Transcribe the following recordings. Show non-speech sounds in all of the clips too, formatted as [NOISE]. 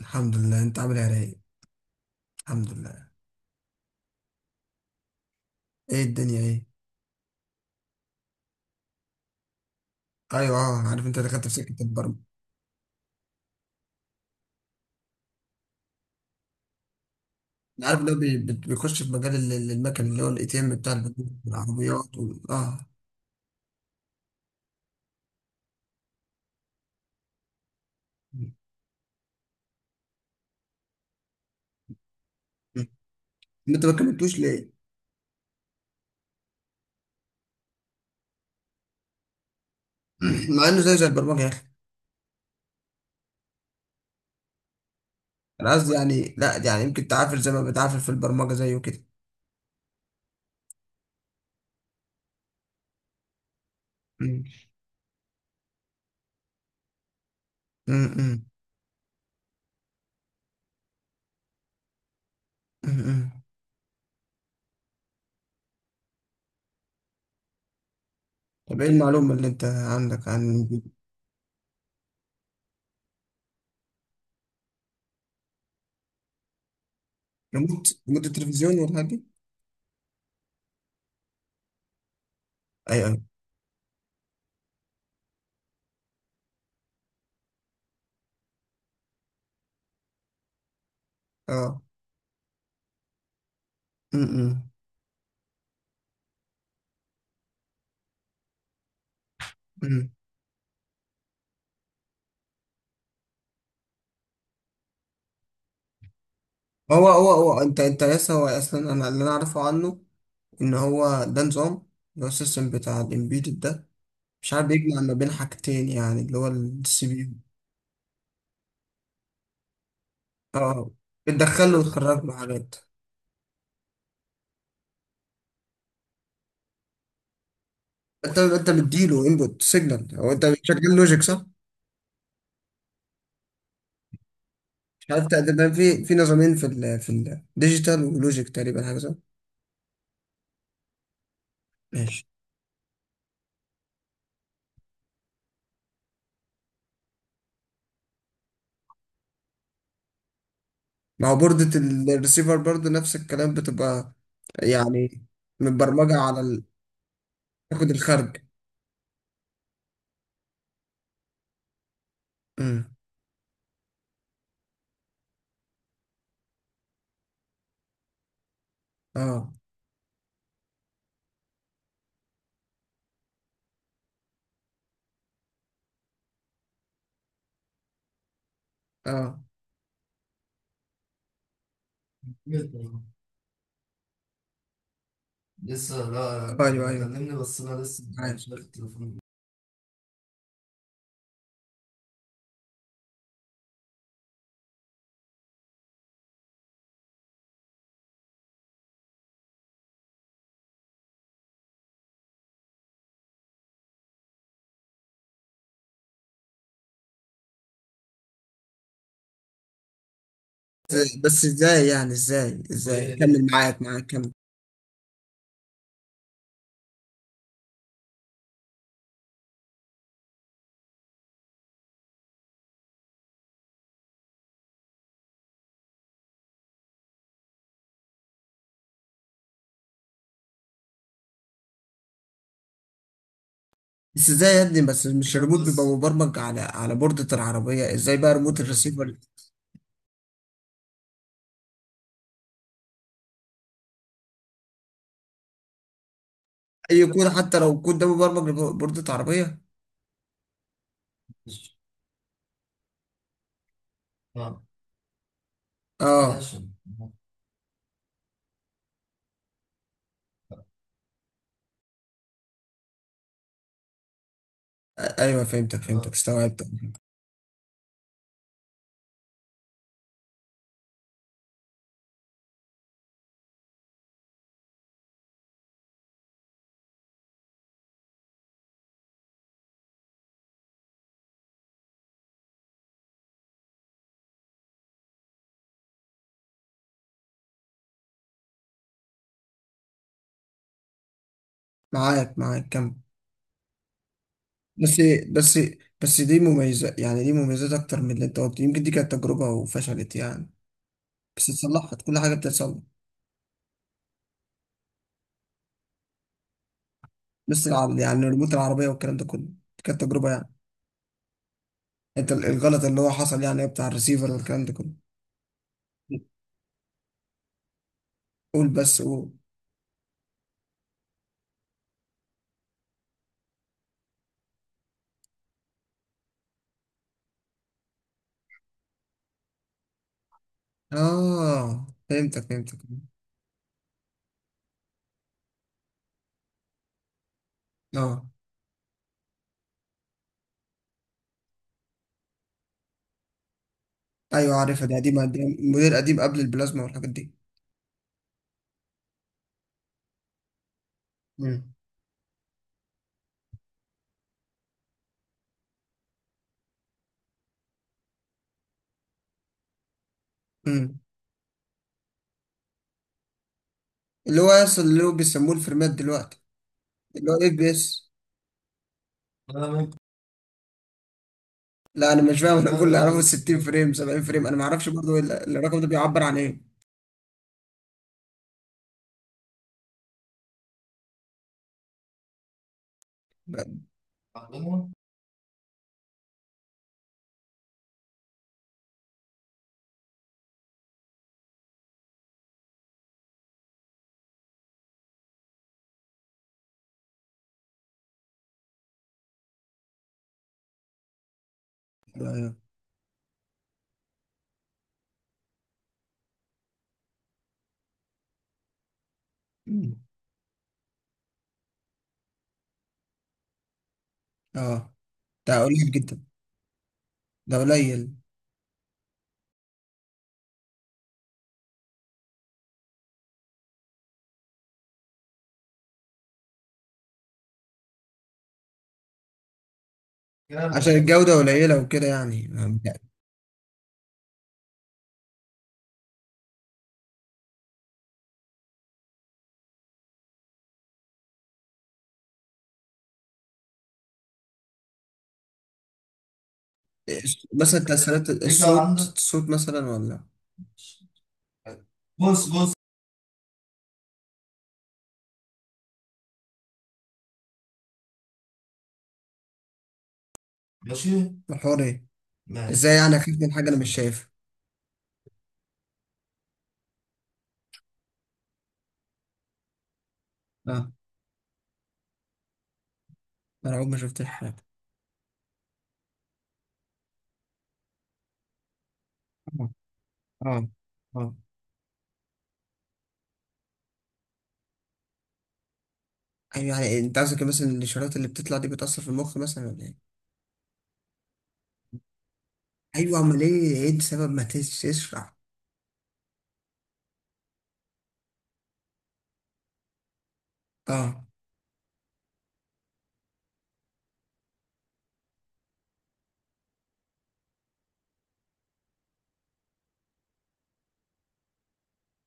الحمد لله. انت عامل ايه يا رايق؟ الحمد لله. ايه الدنيا ايه؟ ايوه انا عارف انت دخلت في سكه البرمجه. انا عارف ان هو بيخش في مجال المكن اللي هو الاي تي ام بتاع البنوك والعربيات وال... اه م- م. انت ما كملتوش ليه؟ [CLEARS THROAT] مع انه زي البرمجه يا اخي. انا قصدي يعني، لا يعني يمكن تعافر زي ما بتعافر في البرمجه زيه كده. م- م- م- م. طب ايه المعلومه اللي انت عندك عن ريموت؟ ريموت التلفزيون والحاجات دي؟ ايوه ايوه اه م- م. هو انت لسه، هو اصلا انا اللي انا اعرفه عنه ان هو ده نظام، اللي هو السيستم بتاع الامبيدد ده، مش عارف، بيجمع ما بين حاجتين يعني، اللي هو السي بي يو. اه. بتدخله وتخرج له حاجات. انت بتديله انبوت سيجنال او انت بتشغل لوجيك صح؟ مش عارف تقدر، في نظامين في ال في الديجيتال ولوجيك تقريبا حاجه صح؟ ماشي. ما هو بوردة الريسيفر برضه نفس الكلام بتبقى يعني متبرمجه على تاخد الخرج. امم. اه اه. ايوه ايوه. عارف. إزاي- بس ازاي يعني؟ ازاي كمل. معاك معاك، كمل. بس ازاي يا ابني؟ بس مش كده، الريموت بيبقى مبرمج على على بوردة العربية، ازاي بقى ريموت الريسيفر؟ اي كود حتى لو الكود ده مبرمج لبوردة عربية. اه. ايوه فهمتك اه، استوعبت. معاك معاك، كمل. بس بس بس دي مميزة، يعني دي مميزات اكتر من اللي انت قلت، يمكن دي كانت تجربة وفشلت يعني. بس اتصلحت، كل حاجة بتتصلح. لسه العرض يعني ريموت العربية والكلام ده كله، كانت تجربة يعني. انت الغلط اللي هو حصل يعني بتاع الريسيفر والكلام ده كله. قول بس قول. اه فهمتك اه. ايوه عارفها، دي قديمة، قديم، موديل قديم قبل البلازما والحاجات دي. مم. مم. اللي هو يصل، اللي هو بيسموه الفريمات دلوقتي، اللي هو اف بي اس. لا انا مش فاهم، انا بقول اللي اعرفه 60 فريم 70 فريم، انا ما اعرفش برضه الرقم ده بيعبر عن ايه؟ ب- ب- مم. اه، ده قليل جدا. ده قليل. عشان الجودة قليلة وكده يعني؟ مثلا تأثيرات ليك الصوت؟ الصوت مثلا ولا؟ الحوار ايه؟ ازاي يعني اخاف من حاجة انا مش شايفها؟ اه، انا عمري ما شفت حاجة. اه اه اه. ايوه يعني انت قصدك مثلا الاشارات اللي بتطلع دي بتأثر في المخ مثلا ولا ايه؟ ايوه، امال ايه، ايه السبب؟ ما تس- تشرح. اه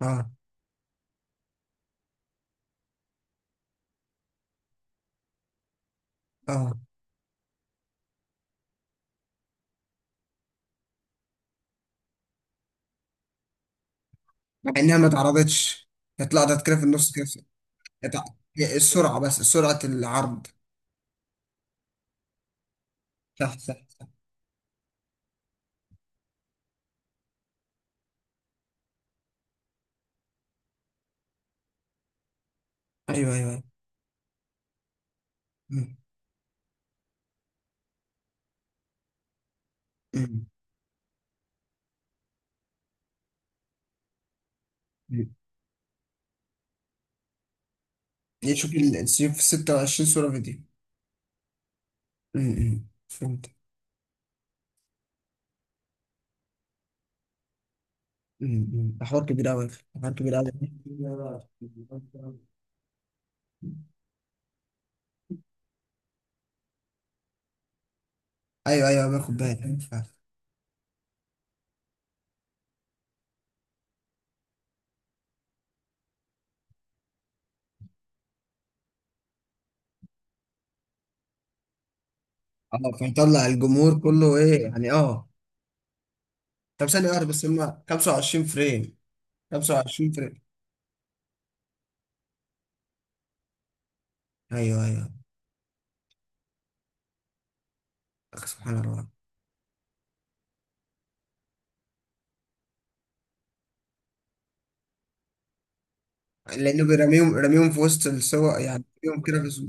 اه اه. مع انها ما اتعرضتش، هي طلعت كده في النص كده. اتع- هي السرعة، بس سرعة العرض. صح صح. ايوه ايوه، أيوة. مم. مم. مم. يعني شوف في 26 صورة فيديو. امم، فهمت. امم، ده حوار كبير قوي، حوار كبير قوي. ايوه ايوه، أيوه، باخد بالي اه. فيطلع الجمهور كله ايه يعني؟ اه. طب ثانيه واحده، بس هم 25 فريم؟ 25 فريم؟ ايوه ايوه. أخ، سبحان الله. لانه بيرميهم، رميهم في وسط السوا يعني، يوم كده بس.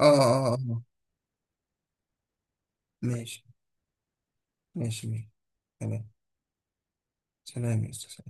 اه اه اه. ماشي ماشي ماشي. تمام. سلام يا استاذ.